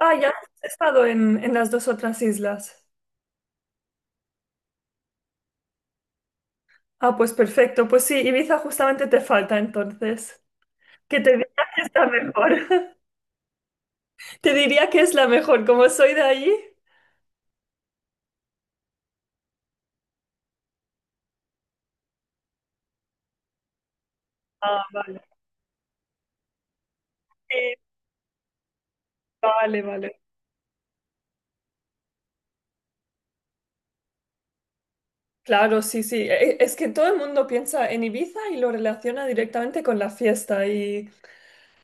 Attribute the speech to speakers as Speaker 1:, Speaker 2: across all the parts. Speaker 1: Ah, ya has estado en las dos otras islas. Ah, pues perfecto. Pues sí, Ibiza justamente te falta entonces. Que te diría que está mejor. Te diría que es la mejor, como soy de allí. Ah, vale. Sí, vale, vale. Claro, sí, sí. Es que todo el mundo piensa en Ibiza y lo relaciona directamente con la fiesta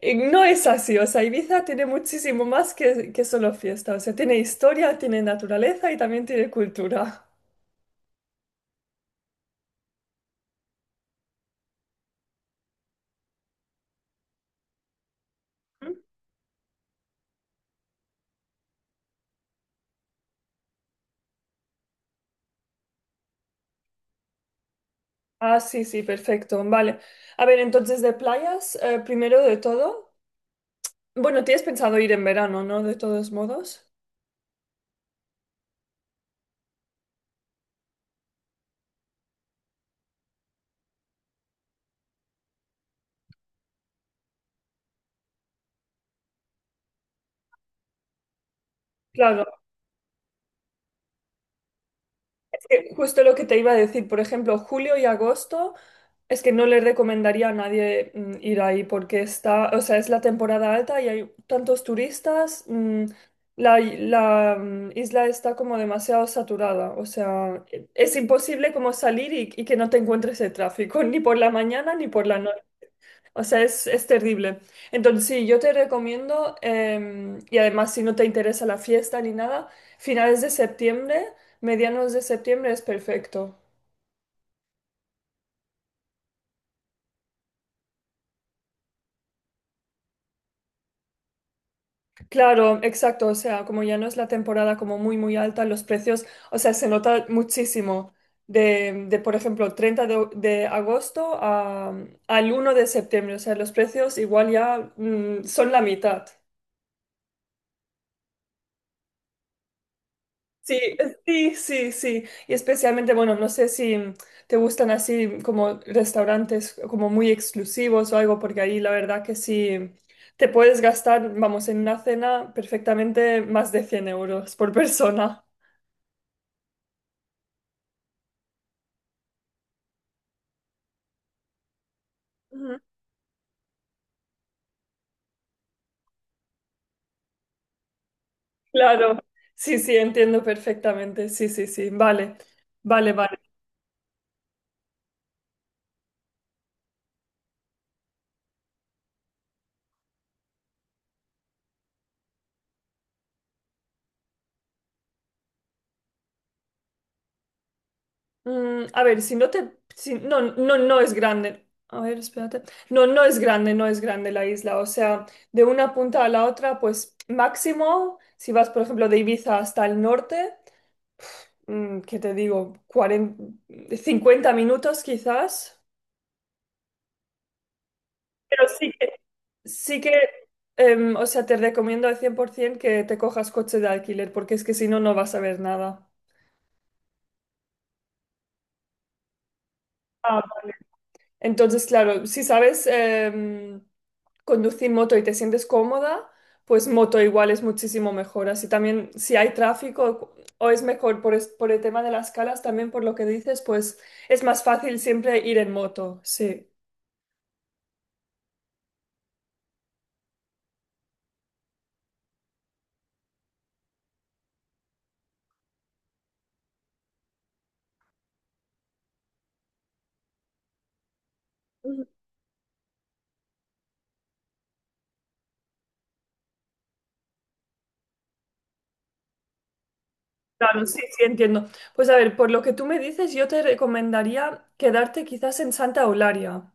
Speaker 1: y no es así. O sea, Ibiza tiene muchísimo más que solo fiesta. O sea, tiene historia, tiene naturaleza y también tiene cultura. Ah, sí, sí, perfecto. Vale. A ver, entonces de playas, primero de todo. Bueno, tienes pensado ir en verano, ¿no? De todos modos. Claro, es que justo lo que te iba a decir, por ejemplo, julio y agosto, es que no le recomendaría a nadie ir ahí porque está, o sea, es la temporada alta y hay tantos turistas, isla está como demasiado saturada, o sea, es imposible como salir y que no te encuentres el tráfico, ni por la mañana ni por la noche. O sea, es terrible. Entonces, sí, yo te recomiendo, y además si no te interesa la fiesta ni nada, finales de septiembre, medianos de septiembre es perfecto. Claro, exacto, o sea, como ya no es la temporada como muy alta, los precios, o sea, se nota muchísimo por ejemplo, 30 de agosto al 1 de septiembre, o sea, los precios igual ya son la mitad. Sí, sí. Y especialmente, bueno, no sé si te gustan así como restaurantes como muy exclusivos o algo, porque ahí la verdad que sí te puedes gastar, vamos, en una cena perfectamente más de 100 euros por persona. Ujú. Claro, sí, entiendo perfectamente. Sí. Vale, vale. Mm, a ver, si no te... no es grande. A ver, espérate. No, no es grande, no es grande la isla. O sea, de una punta a la otra, pues máximo, si vas, por ejemplo, de Ibiza hasta el norte, mm, ¿qué te digo? 40, 50 minutos quizás. Pero sí que, o sea, te recomiendo al 100% que te cojas coche de alquiler, porque es que si no, no vas a ver nada. Ah, entonces, claro, si sabes conducir moto y te sientes cómoda, pues moto igual es muchísimo mejor. Así también, si hay tráfico o es mejor por, por el tema de las calas, también por lo que dices, pues es más fácil siempre ir en moto, sí. Ujú. Claro, sí, entiendo. Pues a ver, por lo que tú me dices, yo te recomendaría quedarte quizás en Santa Eulalia,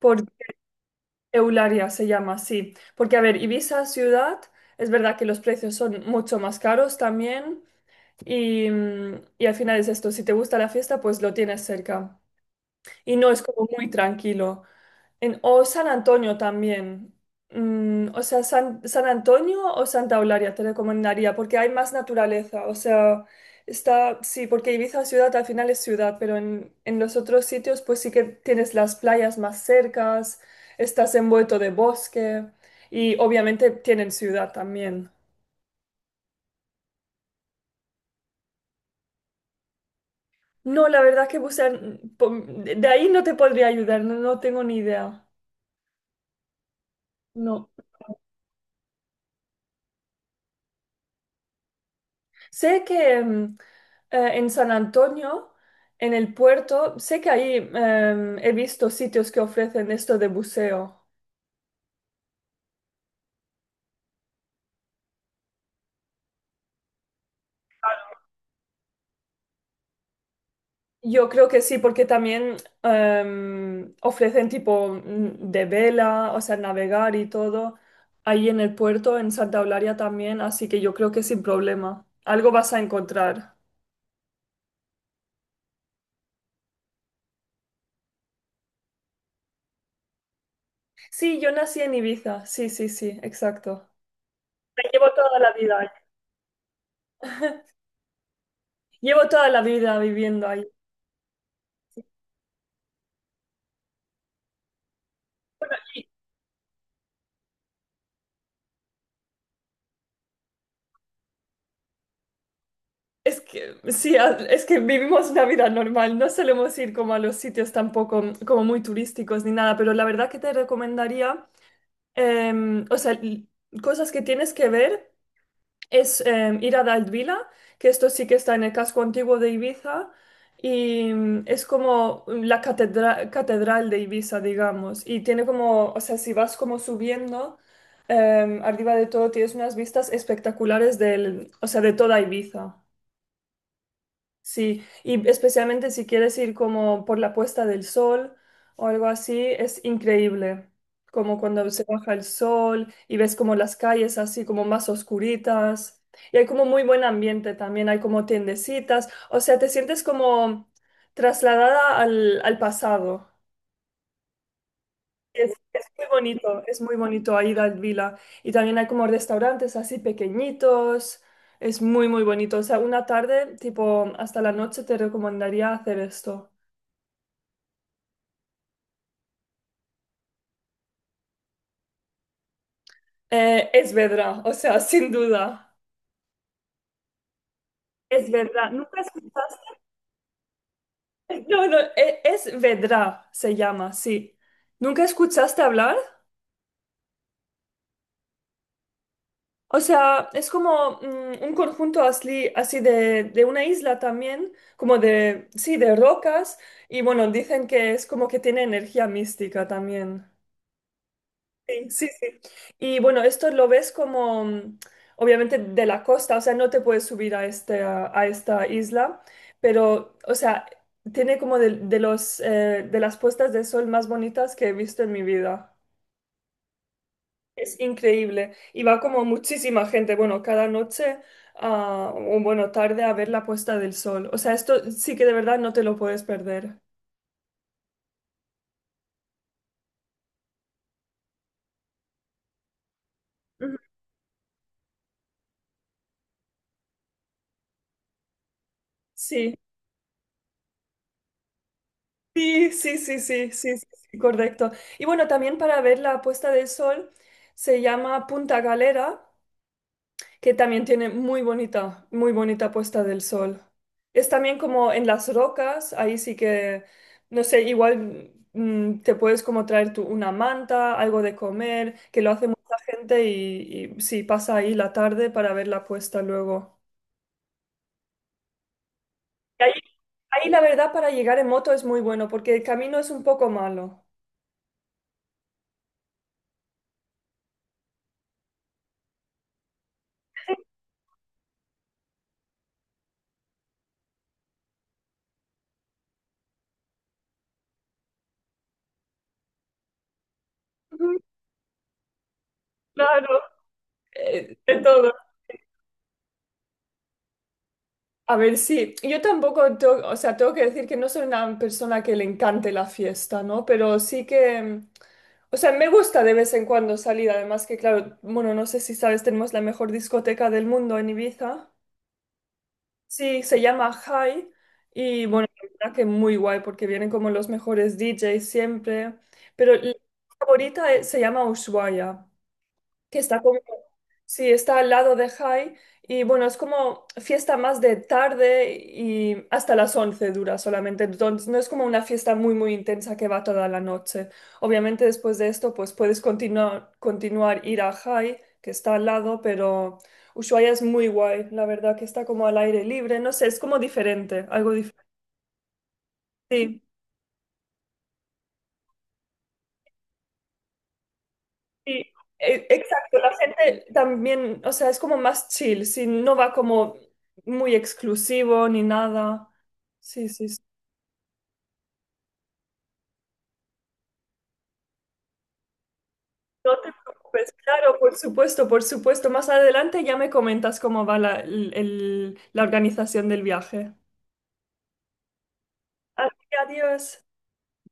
Speaker 1: por Eulalia se llama, sí. Porque a ver, Ibiza ciudad, es verdad que los precios son mucho más caros también. Y, y al final es esto, si te gusta la fiesta, pues lo tienes cerca. Y no es como muy tranquilo. En, o San Antonio también. Mm, o sea, San Antonio o Santa Eulalia te recomendaría porque hay más naturaleza. O sea, está, sí, porque Ibiza ciudad al final es ciudad, pero en los otros sitios pues sí que tienes las playas más cercas, estás envuelto de bosque y obviamente tienen ciudad también. No, la verdad es que bucear, mm, de ahí no te podría ayudar, no, no tengo ni idea. No. Sé que en San Antonio, en el puerto, sé que ahí he visto sitios que ofrecen esto de buceo. Yo creo que sí, porque también ofrecen tipo de vela, o sea, navegar y todo, ahí en el puerto, en Santa Eulalia también, así que yo creo que sin problema. Algo vas a encontrar. Sí, yo nací en Ibiza, sí, exacto. La llevo toda la vida ahí. Llevo toda la vida viviendo ahí. Es que, sí, es que vivimos una vida normal. No solemos ir como a los sitios tampoco como muy turísticos ni nada, pero la verdad que te recomendaría, em, o sea, l- cosas que tienes que ver. Es ir a Daldvila, que esto sí que está en el casco antiguo de Ibiza, y mm, es como catedral de Ibiza, digamos, y tiene como, o sea, si vas como subiendo, arriba de todo tienes unas vistas espectaculares del, o sea, de toda Ibiza. Sí, y especialmente si quieres ir como por la puesta del sol o algo así, es increíble. Como cuando se baja el sol y ves como las calles así como más oscuritas. Y hay como muy buen ambiente también, hay como tiendecitas. O sea, te sientes como trasladada al pasado. Es muy bonito ahí la vila. Y también hay como restaurantes así pequeñitos. Es muy, muy bonito. O sea, una tarde, tipo, hasta la noche te recomendaría hacer esto. Es Vedra, o sea, sin duda. Es Vedra. ¿Nunca escuchaste? No, no, es Vedra, se llama, sí. ¿Nunca escuchaste hablar? O sea, es como mm, un conjunto así, de una isla también, como de, sí, de rocas, y bueno, dicen que es como que tiene energía mística también. Sí, sí. Y bueno, esto lo ves como, obviamente, de la costa, o sea, no te puedes subir a esta isla, pero, o sea, tiene como de las puestas de sol más bonitas que he visto en mi vida. Es increíble. Y va como muchísima gente, bueno, cada noche o bueno, tarde a ver la puesta del sol. O sea, esto sí que de verdad no te lo puedes perder. Ujú. Sí, sí, sí, sí, sí, sí, sí, sí, correcto. Y bueno, también para ver la puesta del sol se llama Punta Galera, que también tiene muy bonita puesta del sol. Es también como en las rocas, ahí sí que, no sé, igual te puedes como traer tú una manta, algo de comer, que lo hace mucha gente y sí, pasa ahí la tarde para ver la puesta luego. Y ahí la verdad para llegar en moto es muy bueno porque el camino es un poco malo. Ujú. Claro, de todo. A ver, sí, yo tampoco, o sea, tengo que decir que no soy una persona que le encante la fiesta, ¿no? Pero sí que, mm, o sea, me gusta de vez en cuando salir, además que, claro, bueno, no sé si sabes, tenemos la mejor discoteca del mundo en Ibiza. Sí, se llama High y, bueno, la verdad que muy guay porque vienen como los mejores DJs siempre, pero la favorita se llama Ushuaia, que está como, sí, está al lado de High y bueno, es como fiesta más de tarde y hasta las 11 dura solamente, entonces no es como una fiesta muy, muy intensa que va toda la noche. Obviamente después de esto, pues puedes continuar, continuar ir a High, que está al lado, pero Ushuaia es muy guay, la verdad, que está como al aire libre, no sé, es como diferente, algo diferente. Sí, exacto, la gente también, o sea, es como más chill, sí, no va como muy exclusivo ni nada. Sí, sí. No te preocupes, claro, por supuesto, por supuesto. Más adelante ya me comentas cómo va la organización del viaje. Así que adiós.